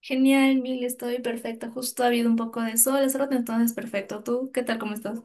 Genial, Mil, estoy perfecta. Justo ha habido un poco de sol hace rato, entonces perfecto. ¿Tú qué tal? ¿Cómo estás?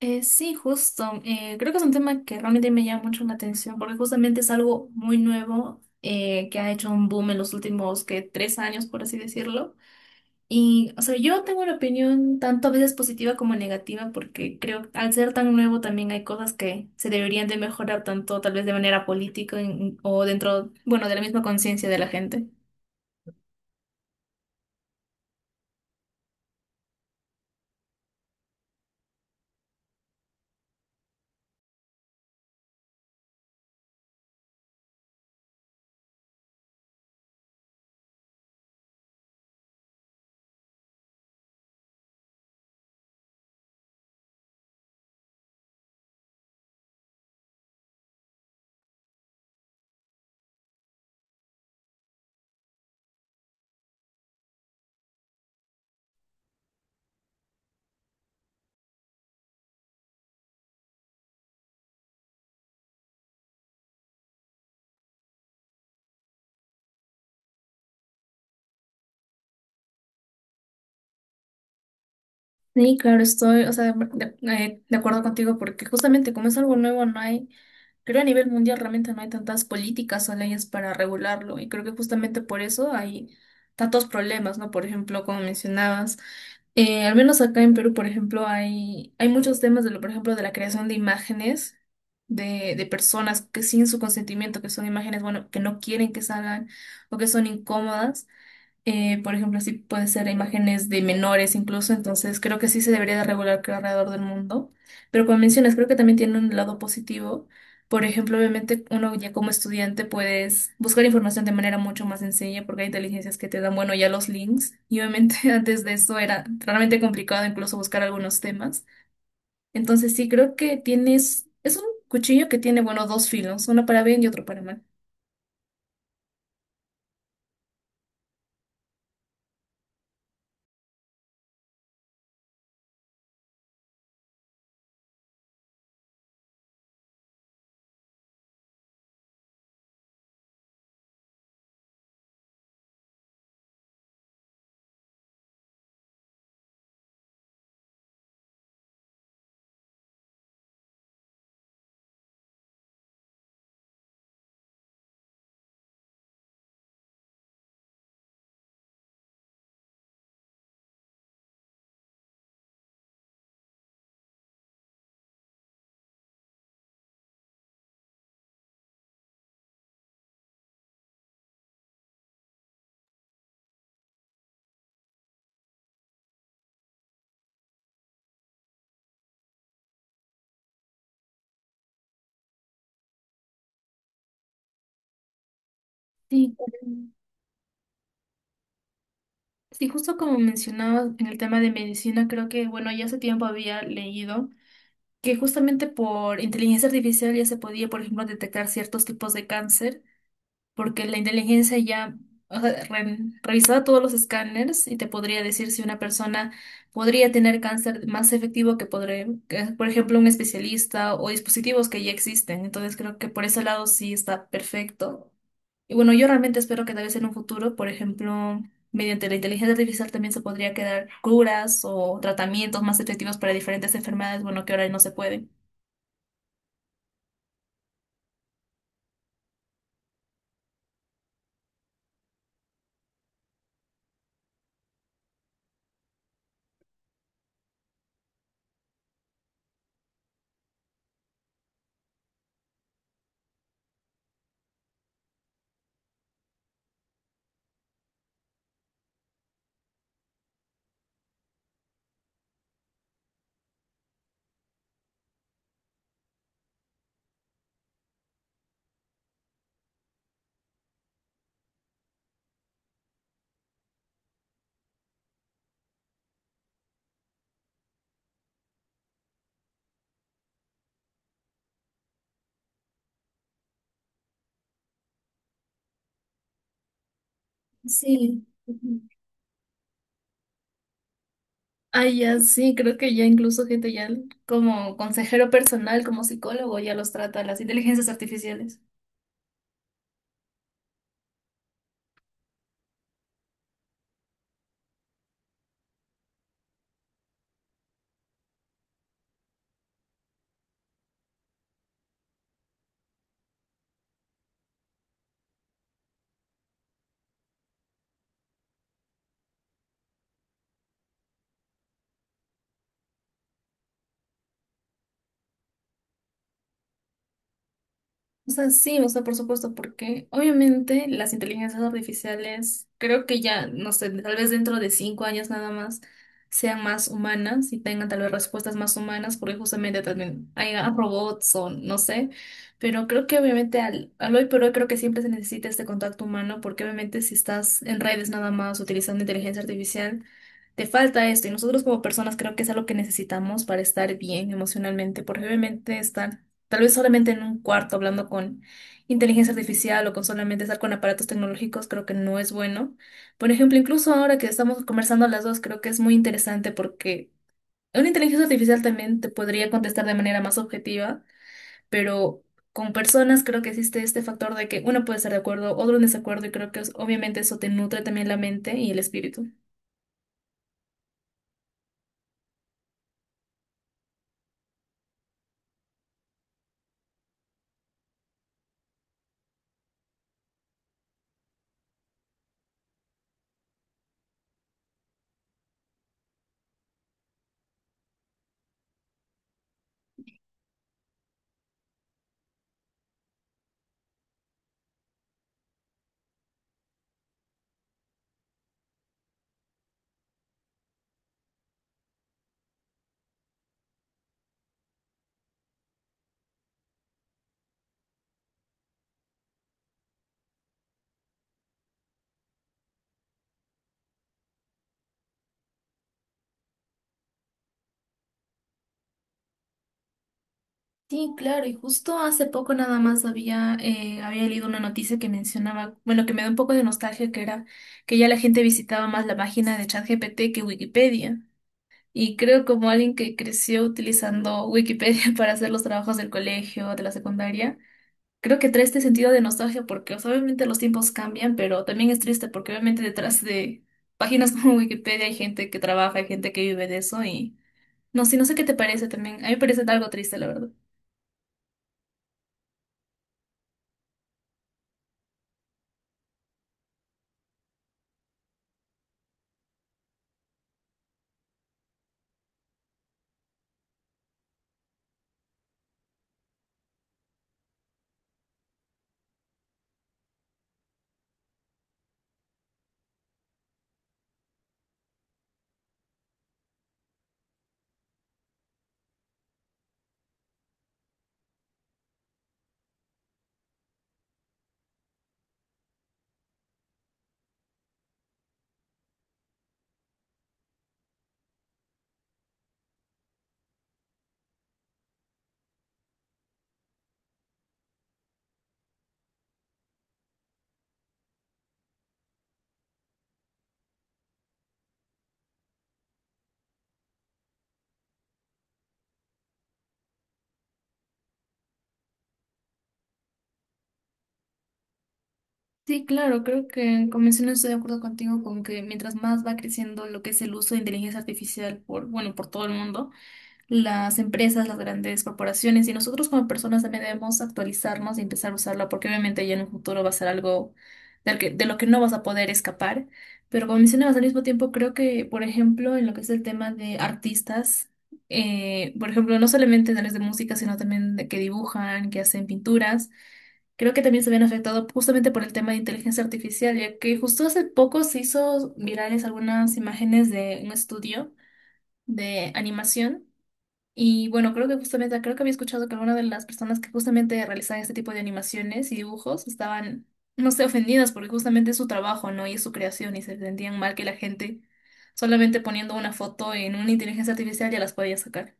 Sí, justo. Creo que es un tema que realmente me llama mucho la atención porque justamente es algo muy nuevo que ha hecho un boom en los últimos que 3 años, por así decirlo. Y, o sea, yo tengo una opinión tanto a veces positiva como negativa porque creo que al ser tan nuevo también hay cosas que se deberían de mejorar tanto tal vez de manera política en- o dentro, bueno, de la misma conciencia de la gente. Sí, claro, estoy, o sea, de acuerdo contigo, porque justamente como es algo nuevo, no hay, creo a nivel mundial realmente no hay tantas políticas o leyes para regularlo, y creo que justamente por eso hay tantos problemas, ¿no? Por ejemplo, como mencionabas, al menos acá en Perú, por ejemplo, hay muchos temas de lo, por ejemplo, de la creación de imágenes de personas que sin su consentimiento, que son imágenes, bueno, que no quieren que salgan o que son incómodas. Por ejemplo, así puede ser imágenes de menores incluso, entonces creo que sí se debería de regular que alrededor del mundo. Pero como mencionas, creo que también tiene un lado positivo. Por ejemplo, obviamente uno ya como estudiante puedes buscar información de manera mucho más sencilla porque hay inteligencias que te dan, bueno, ya los links. Y obviamente antes de eso era realmente complicado incluso buscar algunos temas. Entonces sí, creo que tienes, es un cuchillo que tiene, bueno, dos filos, uno para bien y otro para mal. Sí, sí, justo como mencionabas en el tema de medicina, creo que, bueno, ya hace tiempo había leído que justamente por inteligencia artificial ya se podía, por ejemplo, detectar ciertos tipos de cáncer porque la inteligencia ya, o sea, revisaba todos los escáneres y te podría decir si una persona podría tener cáncer más efectivo que podría, que, por ejemplo, un especialista o dispositivos que ya existen. Entonces creo que por ese lado sí está perfecto. Y bueno, yo realmente espero que tal vez en un futuro, por ejemplo, mediante la inteligencia artificial también se podría quedar curas o tratamientos más efectivos para diferentes enfermedades, bueno, que ahora no se pueden. Sí. Ay, ya sí, creo que ya incluso gente ya como consejero personal, como psicólogo, ya los trata las inteligencias artificiales. O sea, sí, o sea, por supuesto, porque obviamente las inteligencias artificiales, creo que ya, no sé, tal vez dentro de 5 años nada más sean más humanas y tengan tal vez respuestas más humanas, porque justamente también hay robots o no sé, pero creo que obviamente al hoy por hoy creo que siempre se necesita este contacto humano, porque obviamente si estás en redes nada más utilizando inteligencia artificial, te falta esto y nosotros como personas creo que es algo que necesitamos para estar bien emocionalmente, porque obviamente estar tal vez solamente en un cuarto hablando con inteligencia artificial o con solamente estar con aparatos tecnológicos, creo que no es bueno. Por ejemplo, incluso ahora que estamos conversando las dos, creo que es muy interesante porque una inteligencia artificial también te podría contestar de manera más objetiva, pero con personas creo que existe este factor de que uno puede estar de acuerdo, otro en desacuerdo, y creo que obviamente eso te nutre también la mente y el espíritu. Sí, claro, y justo hace poco nada más había, había leído una noticia que mencionaba, bueno, que me da un poco de nostalgia, que era que ya la gente visitaba más la página de ChatGPT que Wikipedia. Y creo como alguien que creció utilizando Wikipedia para hacer los trabajos del colegio, de la secundaria, creo que trae este sentido de nostalgia porque, o sea, obviamente los tiempos cambian, pero también es triste porque obviamente detrás de páginas como Wikipedia hay gente que trabaja, hay gente que vive de eso y no sé, no sé qué te parece también. A mí me parece algo triste, la verdad. Sí, claro, creo que como mencioné estoy de acuerdo contigo con que mientras más va creciendo lo que es el uso de inteligencia artificial por, bueno, por todo el mundo, las empresas, las grandes corporaciones y nosotros como personas también debemos actualizarnos y empezar a usarla porque obviamente ya en un futuro va a ser algo de lo que no vas a poder escapar. Pero como mencionabas al mismo tiempo, creo que, por ejemplo, en lo que es el tema de artistas, por ejemplo, no solamente en áreas de música, sino también de que dibujan, que hacen pinturas. Creo que también se ven afectado justamente por el tema de inteligencia artificial, ya que justo hace poco se hizo virales algunas imágenes de un estudio de animación y bueno, creo que justamente, creo que había escuchado que algunas de las personas que justamente realizaban este tipo de animaciones y dibujos estaban, no sé, ofendidas porque justamente es su trabajo, ¿no? Y es su creación y se sentían mal que la gente solamente poniendo una foto en una inteligencia artificial ya las podía sacar.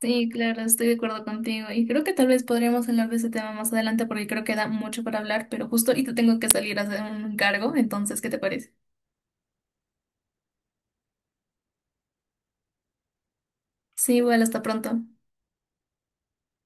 Sí, claro, estoy de acuerdo contigo. Y creo que tal vez podríamos hablar de ese tema más adelante porque creo que da mucho para hablar, pero justo ahorita tengo que salir a hacer un cargo, entonces, ¿qué te parece? Sí, bueno, hasta pronto.